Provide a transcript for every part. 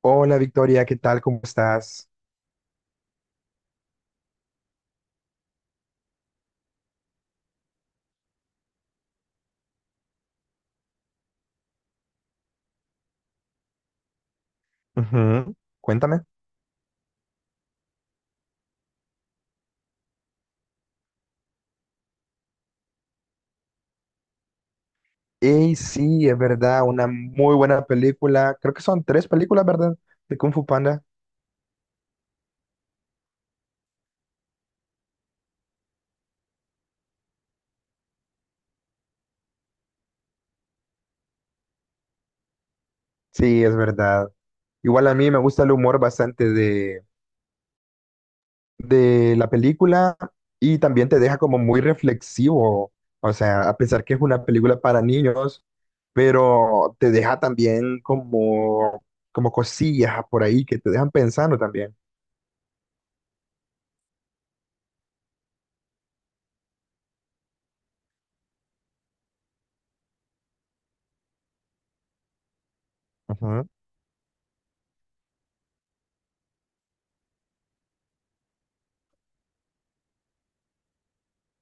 Hola Victoria, ¿qué tal? ¿Cómo estás? Ujú. Cuéntame. Y sí, es verdad, una muy buena película. Creo que son tres películas, ¿verdad? De Kung Fu Panda. Sí, es verdad. Igual a mí me gusta el humor bastante de la película, y también te deja como muy reflexivo. O sea, a pesar que es una película para niños, pero te deja también como cosillas por ahí que te dejan pensando también.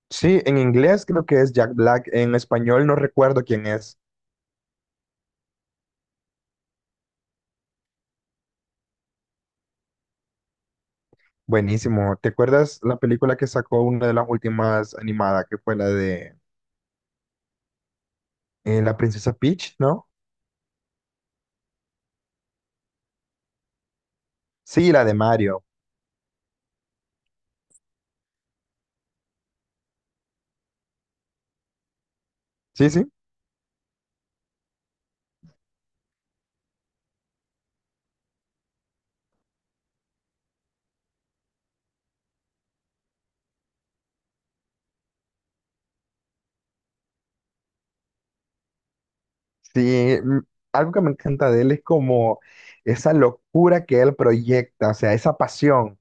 Sí, en inglés creo que es Jack Black, en español no recuerdo quién es. Buenísimo. ¿Te acuerdas la película que sacó una de las últimas animadas, que fue la de La Princesa Peach, ¿no? Sí, la de Mario. Sí, sí. Sí, algo que me encanta de él es como esa locura que él proyecta, o sea, esa pasión.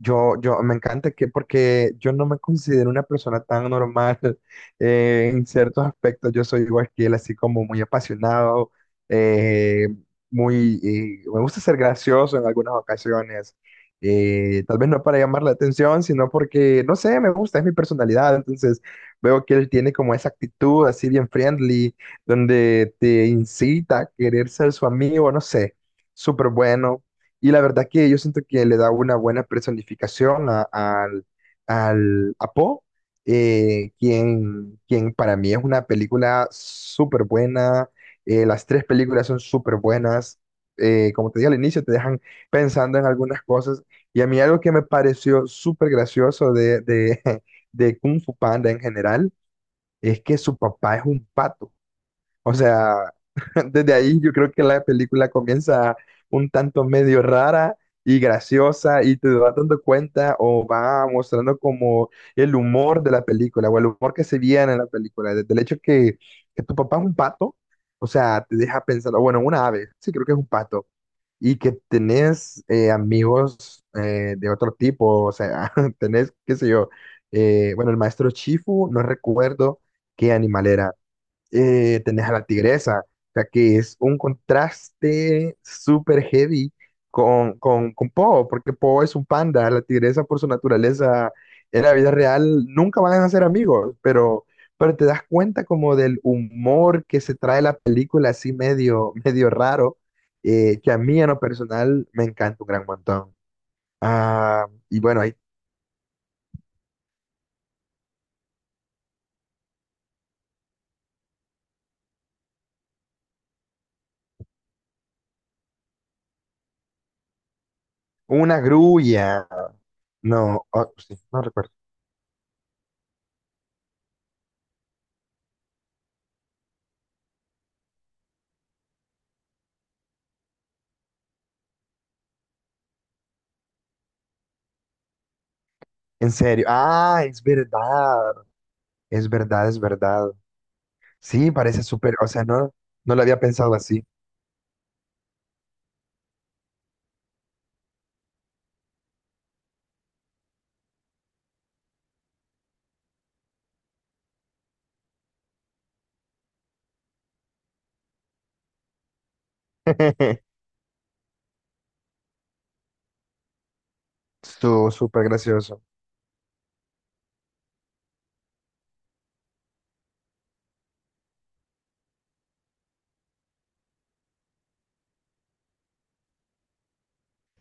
Me encanta que, porque yo no me considero una persona tan normal en ciertos aspectos. Yo soy igual que él, así como muy apasionado, eh, muy, me gusta ser gracioso en algunas ocasiones. Tal vez no para llamar la atención, sino porque, no sé, me gusta, es mi personalidad. Entonces veo que él tiene como esa actitud así bien friendly, donde te incita a querer ser su amigo, no sé, súper bueno. Y la verdad que yo siento que le da una buena personificación a- al, al a Poe, quien para mí es una película súper buena. Las tres películas son súper buenas. Como te dije al inicio, te dejan pensando en algunas cosas. Y a mí algo que me pareció súper gracioso de Kung Fu Panda en general es que su papá es un pato. O sea, desde ahí yo creo que la película comienza un tanto medio rara y graciosa, y te vas dando cuenta o va mostrando como el humor de la película o el humor que se viene en la película. Desde el hecho que tu papá es un pato, o sea, te deja pensando, bueno, una ave, sí creo que es un pato, y que tenés amigos de otro tipo, o sea, tenés, qué sé yo, bueno, el maestro Chifu, no recuerdo qué animal era, tenés a la tigresa, o sea que es un contraste súper heavy con Po, porque Po es un panda, la tigresa por su naturaleza en la vida real nunca van a ser amigos, pero te das cuenta como del humor que se trae la película así medio, medio raro, que a mí en lo personal me encanta un gran montón. Ah, y bueno, hay una grulla, no, oh, sí, no recuerdo. En serio, ah, es verdad. Es verdad, es verdad. Sí, parece súper, o sea, no, no lo había pensado así. Estuvo súper gracioso.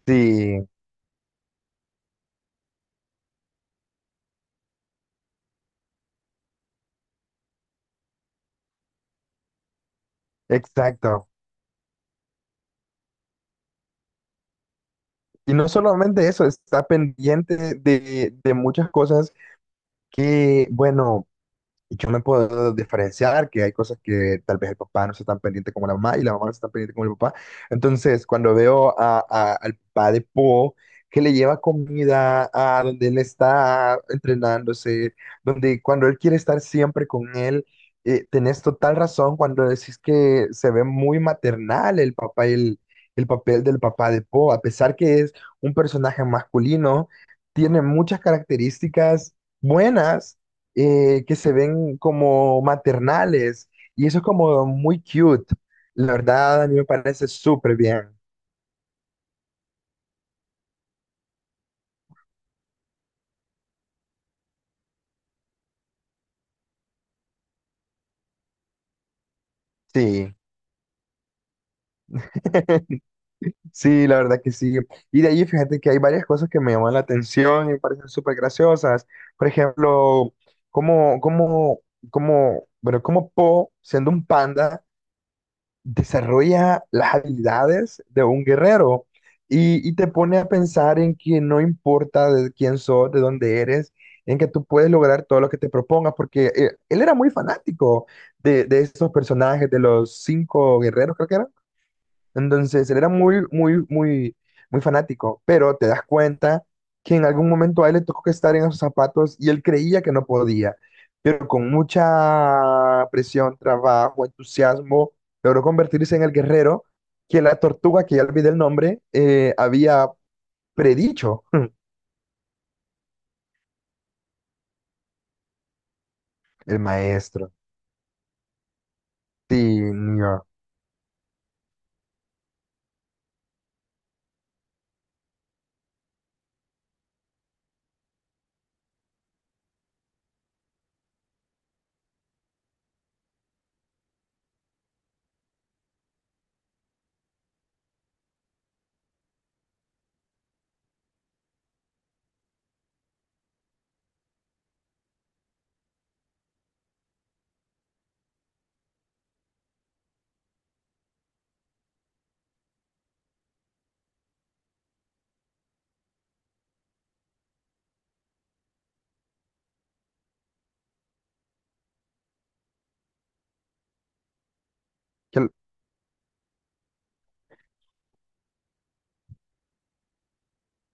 Sí, exacto. Y no solamente eso, está pendiente de muchas cosas que, bueno, y yo me puedo diferenciar que hay cosas que tal vez el papá no está tan pendiente como la mamá y la mamá no está tan pendiente como el papá. Entonces, cuando veo a, al papá de Po, que le lleva comida a donde él está entrenándose, donde cuando él quiere estar siempre con él, tenés total razón cuando decís que se ve muy maternal el papá y el papel del papá de Po, a pesar que es un personaje masculino, tiene muchas características buenas, que se ven como maternales, y eso es como muy cute. La verdad, a mí me parece súper bien. Sí, sí, la verdad que sí. Y de ahí fíjate que hay varias cosas que me llaman la atención y me parecen súper graciosas. Por ejemplo, como, como, bueno, como Po, siendo un panda, desarrolla las habilidades de un guerrero, y te pone a pensar en que no importa de quién sos, de dónde eres, en que tú puedes lograr todo lo que te propongas, porque él era muy fanático de esos personajes, de los cinco guerreros, creo que eran. Entonces, él era muy fanático, pero te das cuenta que en algún momento a él le tocó que estar en esos zapatos y él creía que no podía, pero con mucha presión, trabajo, entusiasmo, logró convertirse en el guerrero que la tortuga, que ya olvidé el nombre, había predicho. El maestro. Sí, niño.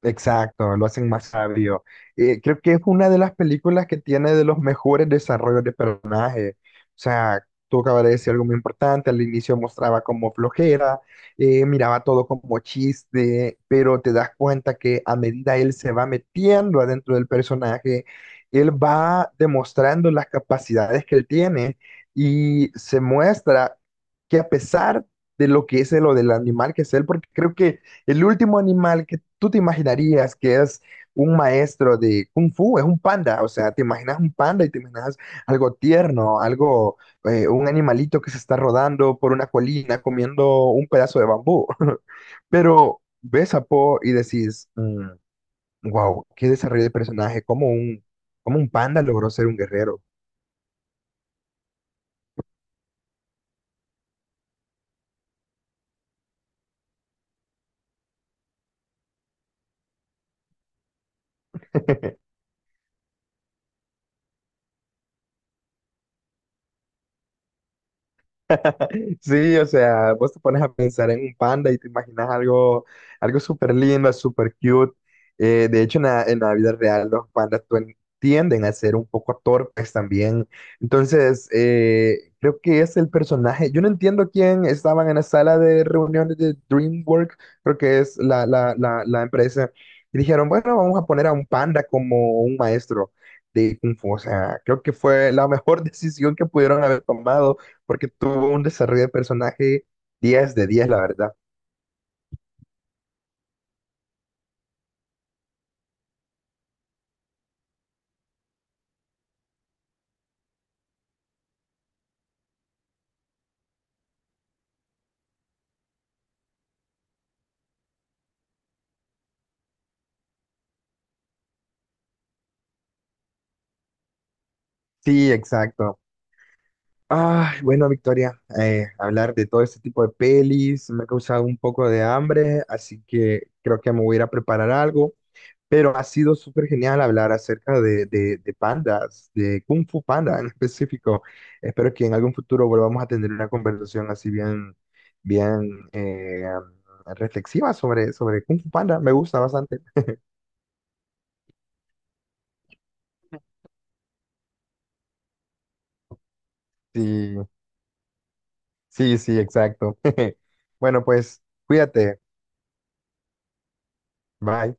Exacto, lo hacen más sabio. Creo que es una de las películas que tiene de los mejores desarrollos de personaje. O sea, tú acabas de decir algo muy importante, al inicio mostraba como flojera, miraba todo como chiste, pero te das cuenta que a medida él se va metiendo adentro del personaje, él va demostrando las capacidades que él tiene, y se muestra que a pesar de lo que es lo del animal que es él, porque creo que el último animal que tú te imaginarías que es un maestro de kung fu es un panda. O sea, te imaginas un panda y te imaginas algo tierno, algo, un animalito que se está rodando por una colina comiendo un pedazo de bambú. Pero ves a Po y decís, wow, qué desarrollo de personaje, como un panda logró ser un guerrero. Sí, o sea, vos te pones a pensar en un panda y te imaginas algo, algo súper lindo, súper cute. De hecho, en la vida real los pandas tienden a ser un poco torpes también. Entonces, creo que es el personaje. Yo no entiendo quién estaban en la sala de reuniones de DreamWorks, creo que es la empresa, y dijeron, bueno, vamos a poner a un panda como un maestro de Kung Fu. O sea, creo que fue la mejor decisión que pudieron haber tomado porque tuvo un desarrollo de personaje 10 de 10, la verdad. Sí, exacto. Ay, bueno, Victoria, hablar de todo este tipo de pelis me ha causado un poco de hambre, así que creo que me voy a ir a preparar algo, pero ha sido súper genial hablar acerca de pandas, de Kung Fu Panda en específico. Espero que en algún futuro volvamos a tener una conversación así bien, bien reflexiva sobre, sobre Kung Fu Panda. Me gusta bastante. Sí. Sí, sí, exacto. Bueno, pues cuídate. Bye.